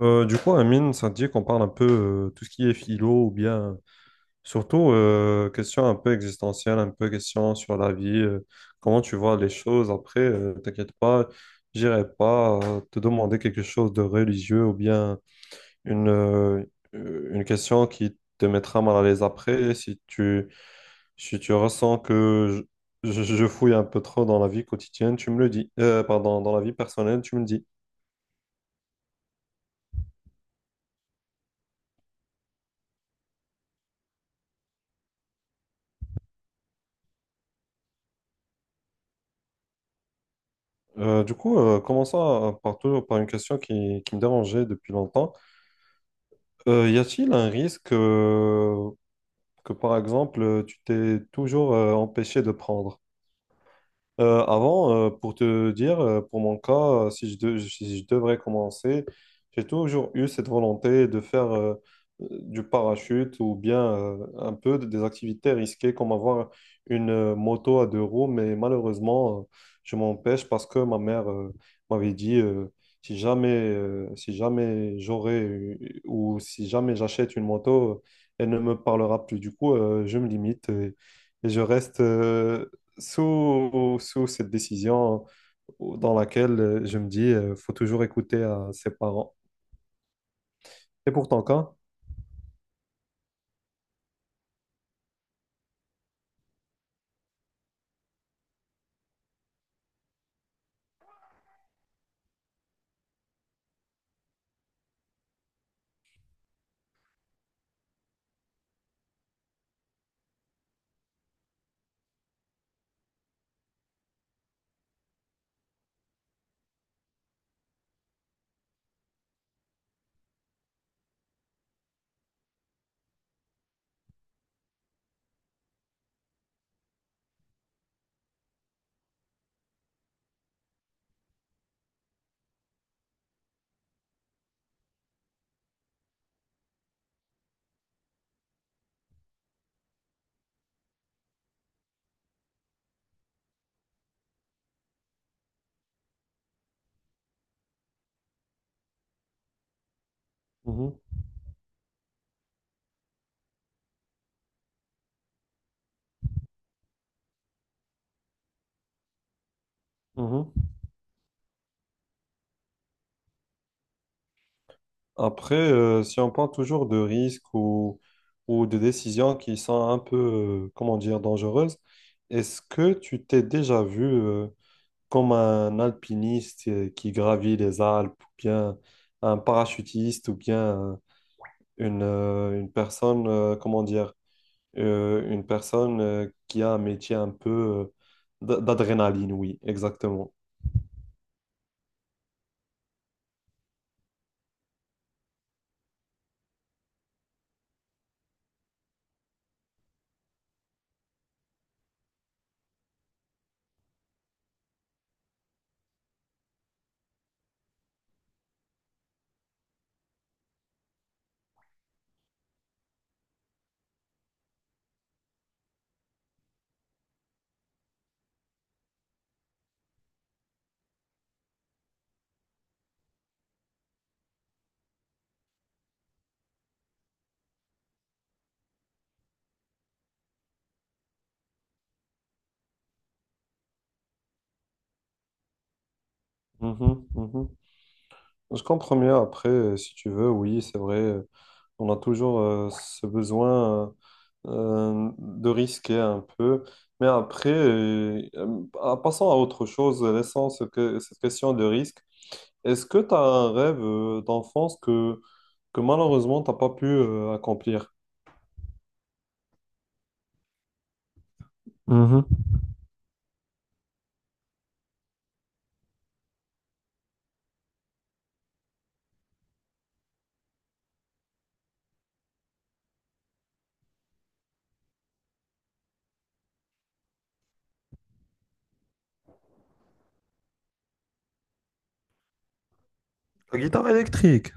Amine, ça te dit qu'on parle un peu tout ce qui est philo ou bien surtout question un peu existentielle, un peu question sur la vie, comment tu vois les choses. Après, t'inquiète pas, j'irai pas te demander quelque chose de religieux ou bien une, euh, une question qui te mettra mal à l'aise après si tu ressens que je fouille un peu trop dans la vie quotidienne, tu me le dis. Pardon, dans la vie personnelle, tu me le dis. Commençons par, par une question qui me dérangeait depuis longtemps. Y a-t-il un risque que, par exemple, tu t'es toujours empêché de prendre? Avant, pour te dire, pour mon cas, si si je devrais commencer, j'ai toujours eu cette volonté de faire du parachute ou bien un peu des activités risquées comme avoir une moto à deux roues, mais malheureusement, je m'empêche parce que ma mère m'avait dit si jamais, si jamais ou si jamais j'achète une moto, elle ne me parlera plus. Du coup, je me limite et je reste. Sous, sous cette décision dans laquelle je me dis, faut toujours écouter à ses parents. Et pour ton cas, mhm, mhm. Après, si on parle toujours de risques ou de décisions qui sont un peu, comment dire, dangereuses, est-ce que tu t'es déjà vu, comme un alpiniste qui gravit les Alpes, ou bien un parachutiste, ou bien une personne, comment dire, une personne qui a un métier un peu d'adrénaline, oui, exactement. Mhm, mhm. Je comprends mieux après, si tu veux, oui, c'est vrai, on a toujours ce besoin de risquer un peu. Mais après, passons à autre chose, laissons cette question de risque. Est-ce que tu as un rêve d'enfance que malheureusement t'as pas pu accomplir? Mhm. La guitare électrique.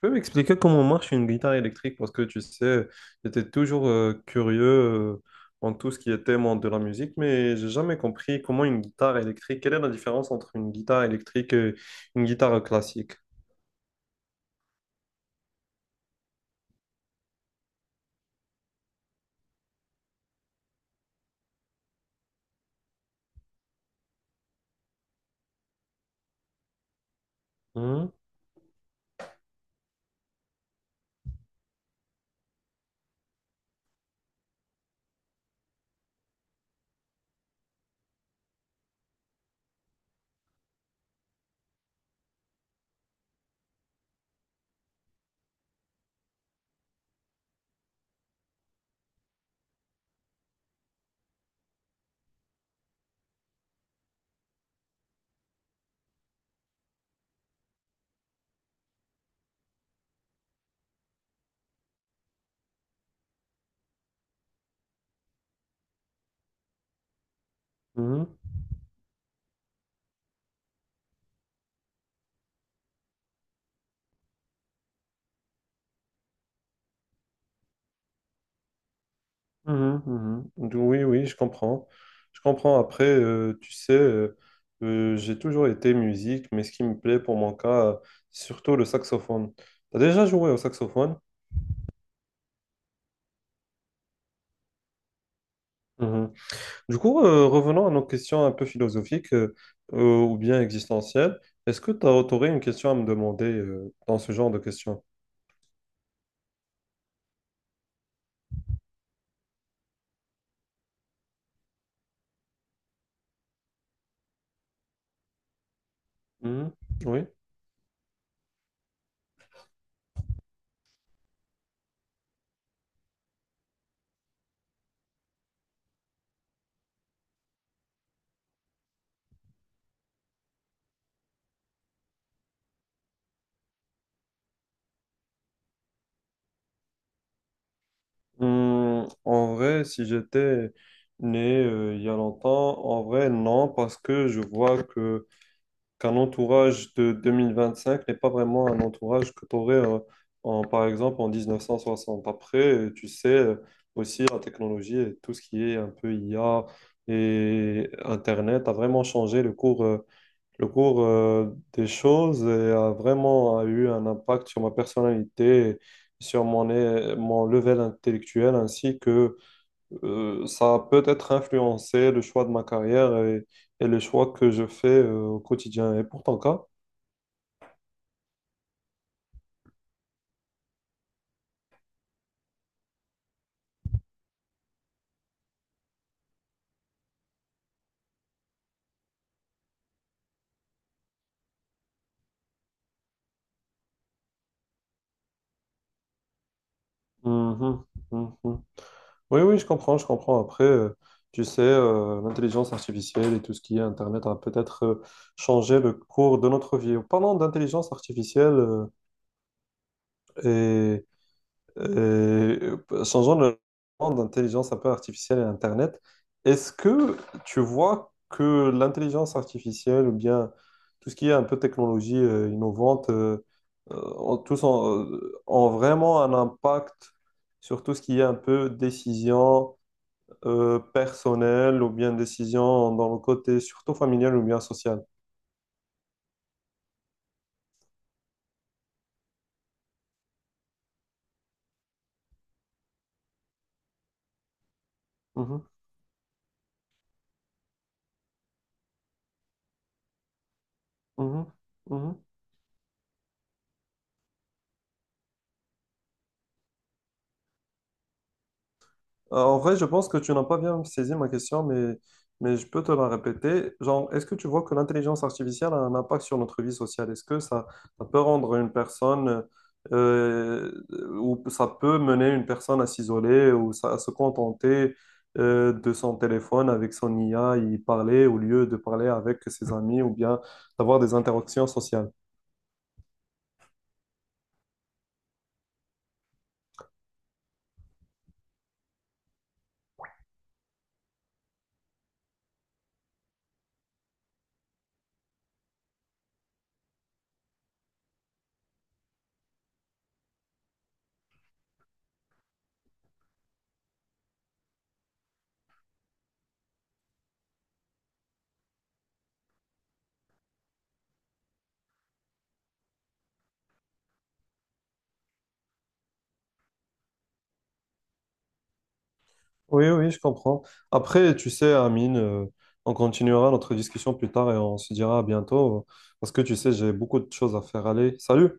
Tu peux m'expliquer comment marche une guitare électrique? Parce que tu sais, j'étais toujours curieux en tout ce qui était monde de la musique, mais j'ai jamais compris comment une guitare électrique, quelle est la différence entre une guitare électrique et une guitare classique? Hmm? Hmm. Mhm, mhm. Oui, oui, je comprends. Je comprends. Après, tu sais, j'ai toujours été musique, mais ce qui me plaît pour mon cas, c'est surtout le saxophone. T'as déjà joué au saxophone? Mhm. Du coup, revenons à nos questions un peu philosophiques ou bien existentielles. Est-ce que tu aurais une question à me demander dans ce genre de questions? Mhm. Oui. En vrai, si j'étais né il y a longtemps, en vrai, non, parce que je vois que qu'un entourage de 2025 n'est pas vraiment un entourage que tu aurais, en, par exemple, en 1960. Après, tu sais, aussi la technologie et tout ce qui est un peu IA et Internet a vraiment changé le cours des choses et a eu un impact sur ma personnalité, et sur mon, mon level intellectuel ainsi que ça a peut-être influencé le choix de ma carrière et les choix que je fais au quotidien. Et pour ton cas? Mhm, mhm. Oui, oui, je comprends, je comprends. Après, tu sais, l'intelligence artificielle et tout ce qui est Internet a peut-être changé le cours de notre vie. Parlons d'intelligence artificielle euh, et changeons le champ d'intelligence un peu artificielle et Internet, est-ce que tu vois que l'intelligence artificielle ou bien tout ce qui est un peu technologie innovante, ont, tous ont, ont vraiment un impact sur tout ce qui est un peu décision personnelle ou bien décision dans le côté surtout familial ou bien social? Mhm, mhm, mhm. En vrai, je pense que tu n'as pas bien saisi ma question, mais je peux te la répéter. Genre, est-ce que tu vois que l'intelligence artificielle a un impact sur notre vie sociale? Est-ce que ça peut rendre une personne, euh, ou ça peut mener une personne à s'isoler ou à se contenter, de son téléphone avec son IA, y parler au lieu de parler avec ses amis ou bien d'avoir des interactions sociales? Oui, oui, je comprends. Après, tu sais, Amine, on continuera notre discussion plus tard et on se dira à bientôt parce que tu sais, j'ai beaucoup de choses à faire. Allez, salut!